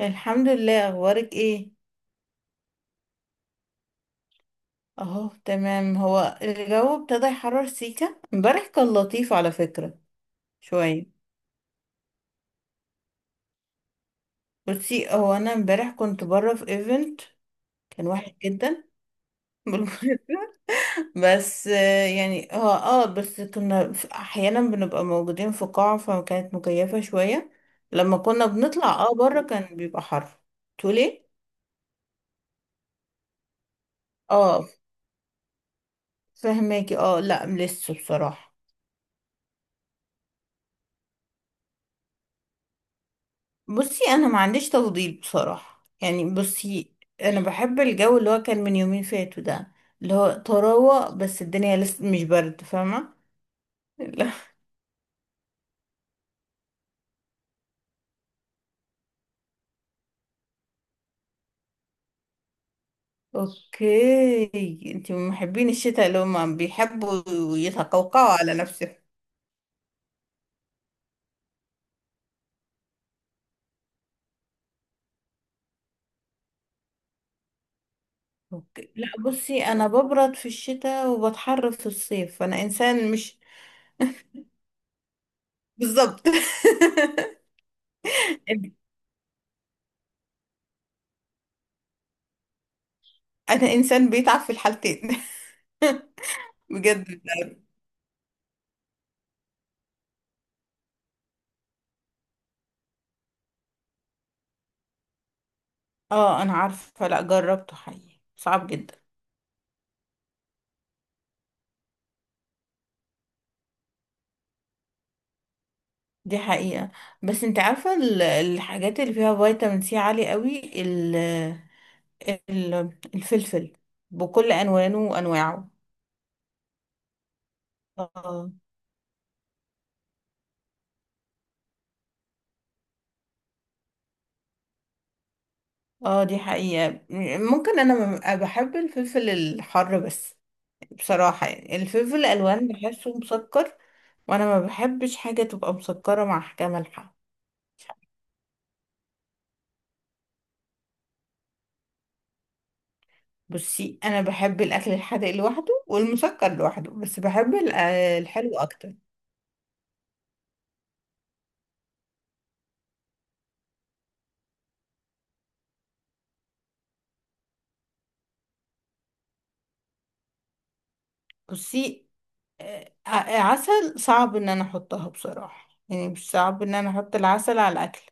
الحمد لله. اخبارك ايه؟ اهو تمام. هو الجو ابتدى يحرر سيكا، امبارح كان لطيف على فكرة. شوية. بصي، هو انا امبارح كنت بره في ايفنت. كان واحد جدا بالمناسبة. بس، يعني بس كنا احيانا بنبقى موجودين في قاعة، فكانت مكيفة شوية. لما كنا بنطلع بره، كان بيبقى حر. تقولي إيه؟ اه، فهماكي. اه، لا، لسه بصراحة. بصي، انا ما عنديش تفضيل بصراحة. يعني بصي، انا بحب الجو اللي هو كان من يومين فاتوا ده، اللي هو طراوة، بس الدنيا لسه مش برد، فاهمة. لا. اوكي، انتي من محبين الشتاء اللي هم بيحبوا يتقوقعوا على نفسهم. اوكي، لا، بصي، انا ببرد في الشتاء وبتحر في الصيف. انا انسان مش بالظبط. انا انسان بيتعب في الحالتين. بجد. اه، انا عارفة. لا، جربته حقيقي، صعب جدا. دي حقيقة. بس انت عارفة، الحاجات اللي فيها فيتامين سي عالي قوي، ال ال الفلفل بكل ألوانه وأنواعه. اه. اه، دي حقيقة. ممكن أنا ببقى بحب الفلفل الحر بس. بصراحة يعني الفلفل الألوان بحسه مسكر، وأنا ما بحبش حاجة تبقى مسكرة مع حاجة مالحة. بصي، أنا بحب الأكل الحادق لوحده والمسكر لوحده، بس بحب الحلو أكتر. بصي، عسل صعب ان انا احطها بصراحة. يعني مش صعب ان انا احط العسل على الاكل.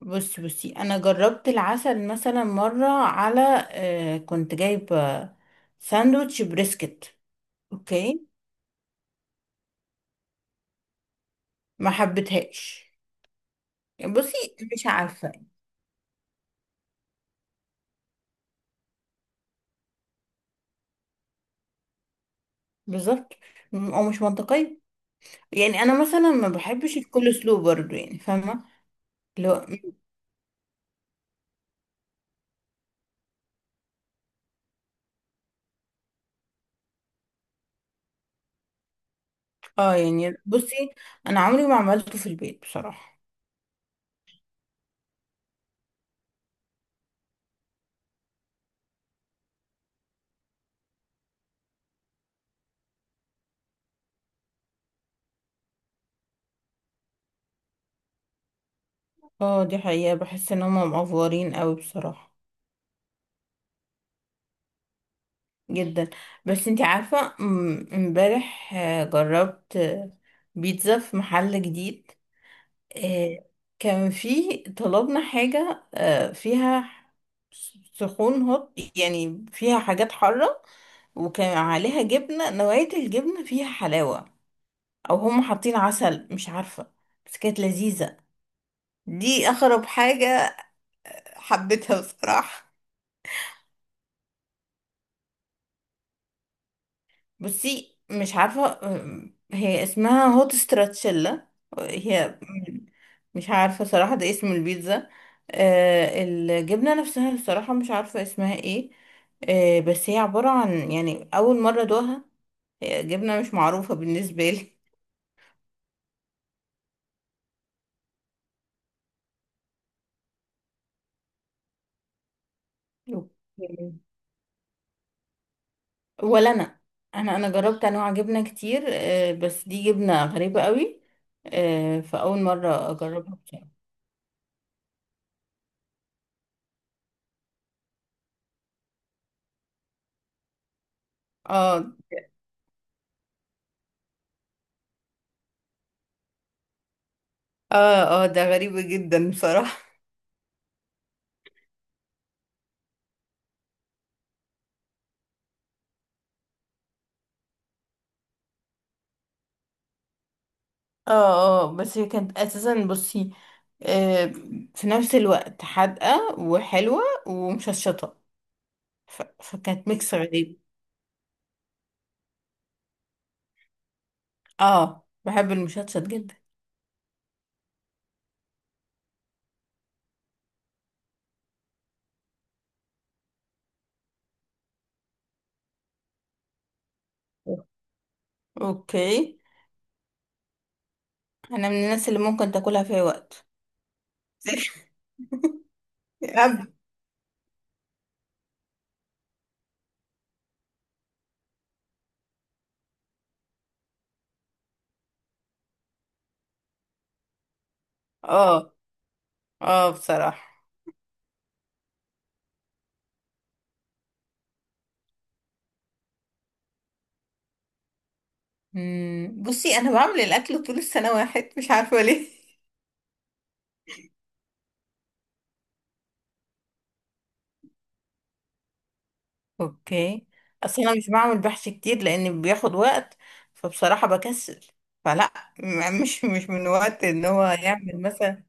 بصي، انا جربت العسل مثلا مرة على كنت جايبة ساندوتش بريسكت. اوكي. ما حبيتهاش. بصي مش عارفة. بالظبط. او مش منطقية. يعني انا مثلا ما بحبش الكول سلو برضو، يعني فاهمة. لو. اه، يعني بصي، انا عمري ما عملته في البيت بصراحة. اه، دي حقيقة. بحس ان هم مقفورين قوي بصراحة. جدا. بس انتي عارفة، امبارح جربت بيتزا في محل جديد. آه، كان فيه طلبنا حاجة فيها سخون هوت، يعني فيها حاجات حارة. وكان عليها جبنة، نوعية الجبنة فيها حلاوة، أو هم حاطين عسل مش عارفة. بس كانت لذيذة. دي أغرب حاجة. حبيتها بصراحة. بصي مش عارفة، هي اسمها هوت ستراتشيلا. هي، مش عارفة صراحة، ده اسم البيتزا. الجبنة نفسها الصراحة مش عارفة اسمها ايه. بس هي عبارة عن، يعني أول مرة دوها. هي جبنة مش معروفة بالنسبة لي. اوكي. ولا أنا. أنا جربت أنواع جبنة كتير، بس دي جبنة غريبة قوي. فأول مرة أجربها بصراحة. اه، اه، اه، ده غريب جدا بصراحة. اه، اه، بس هي كانت اساسا بصي، آه في نفس الوقت حادقة وحلوة ومشطشطة. فكانت ميكس غريب. اه، بحب المشطشط جدا. اوكي. انا من الناس اللي ممكن تاكلها في اي وقت. أب- اه، اه، بصراحة. بصي، انا بعمل الاكل طول السنة واحد مش عارفة ليه. اوكي. اصل انا مش بعمل بحث كتير لان بياخد وقت، فبصراحة بكسل. فلا، مش من وقت ان هو يعمل مثلا.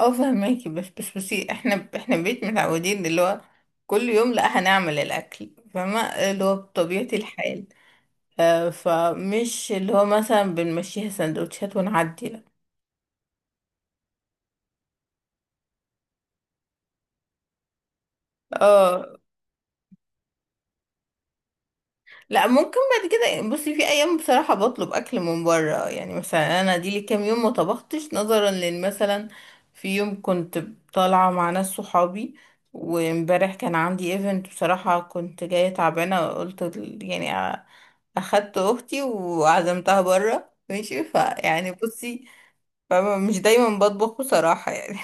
اه، فهماكي. بس بصي، احنا بيت متعودين، اللي هو كل يوم لا هنعمل الاكل، فما اللي هو بطبيعة الحال. فمش اللي هو مثلا بنمشيها سندوتشات ونعدي، لا. اه، لا، ممكن بعد كده. بصي في ايام بصراحه بطلب اكل من بره. يعني مثلا انا دي لي كام يوم ما طبختش، نظرا لان مثلا في يوم كنت طالعه مع ناس صحابي، وامبارح كان عندي ايفنت، بصراحه كنت جايه تعبانه، قلت يعني اخدت اختي وعزمتها بره ماشي. فيعني بصي، فمش دايما بطبخ بصراحه يعني.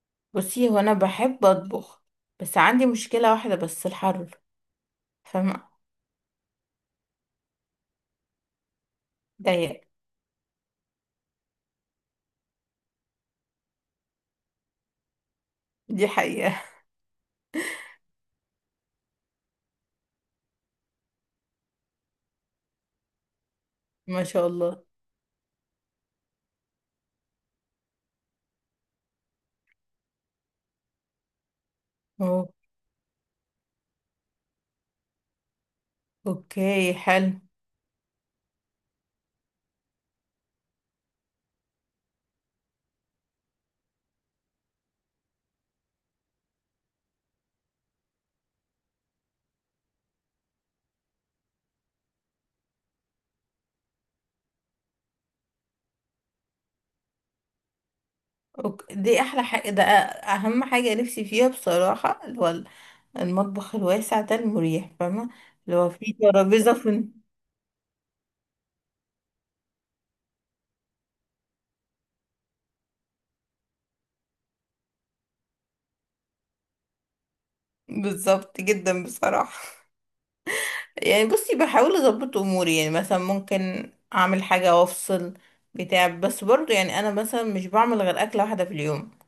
بصي، هو انا بحب اطبخ، بس عندي مشكله واحده بس، الحر، فاهمه. ضيق. دي حقيقه. ما شاء الله. أوه. اوكي، حلو. دي احلى حاجة، ده اهم حاجة نفسي فيها بصراحة، اللي هو المطبخ الواسع ده المريح، فاهمة. اللي هو فيه ترابيزة في. بالظبط جدا بصراحة. يعني بصي بحاول اظبط اموري، يعني مثلا ممكن اعمل حاجة وافصل بتاع، بس برضو يعني انا مثلا مش بعمل غير اكلة واحدة في اليوم.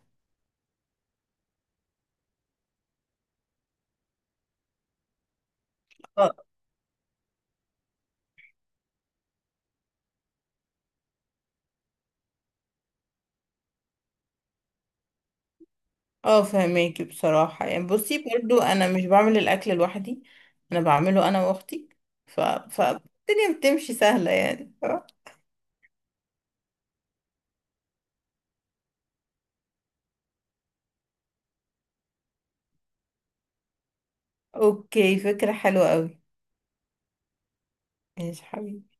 اه، فهماكي بصراحة. يعني بصي، برضو انا مش بعمل الاكل لوحدي، انا بعمله انا واختي. فالدنيا بتمشي سهلة يعني. اوكي، فكرة حلوة قوي. ماشي حبيبي.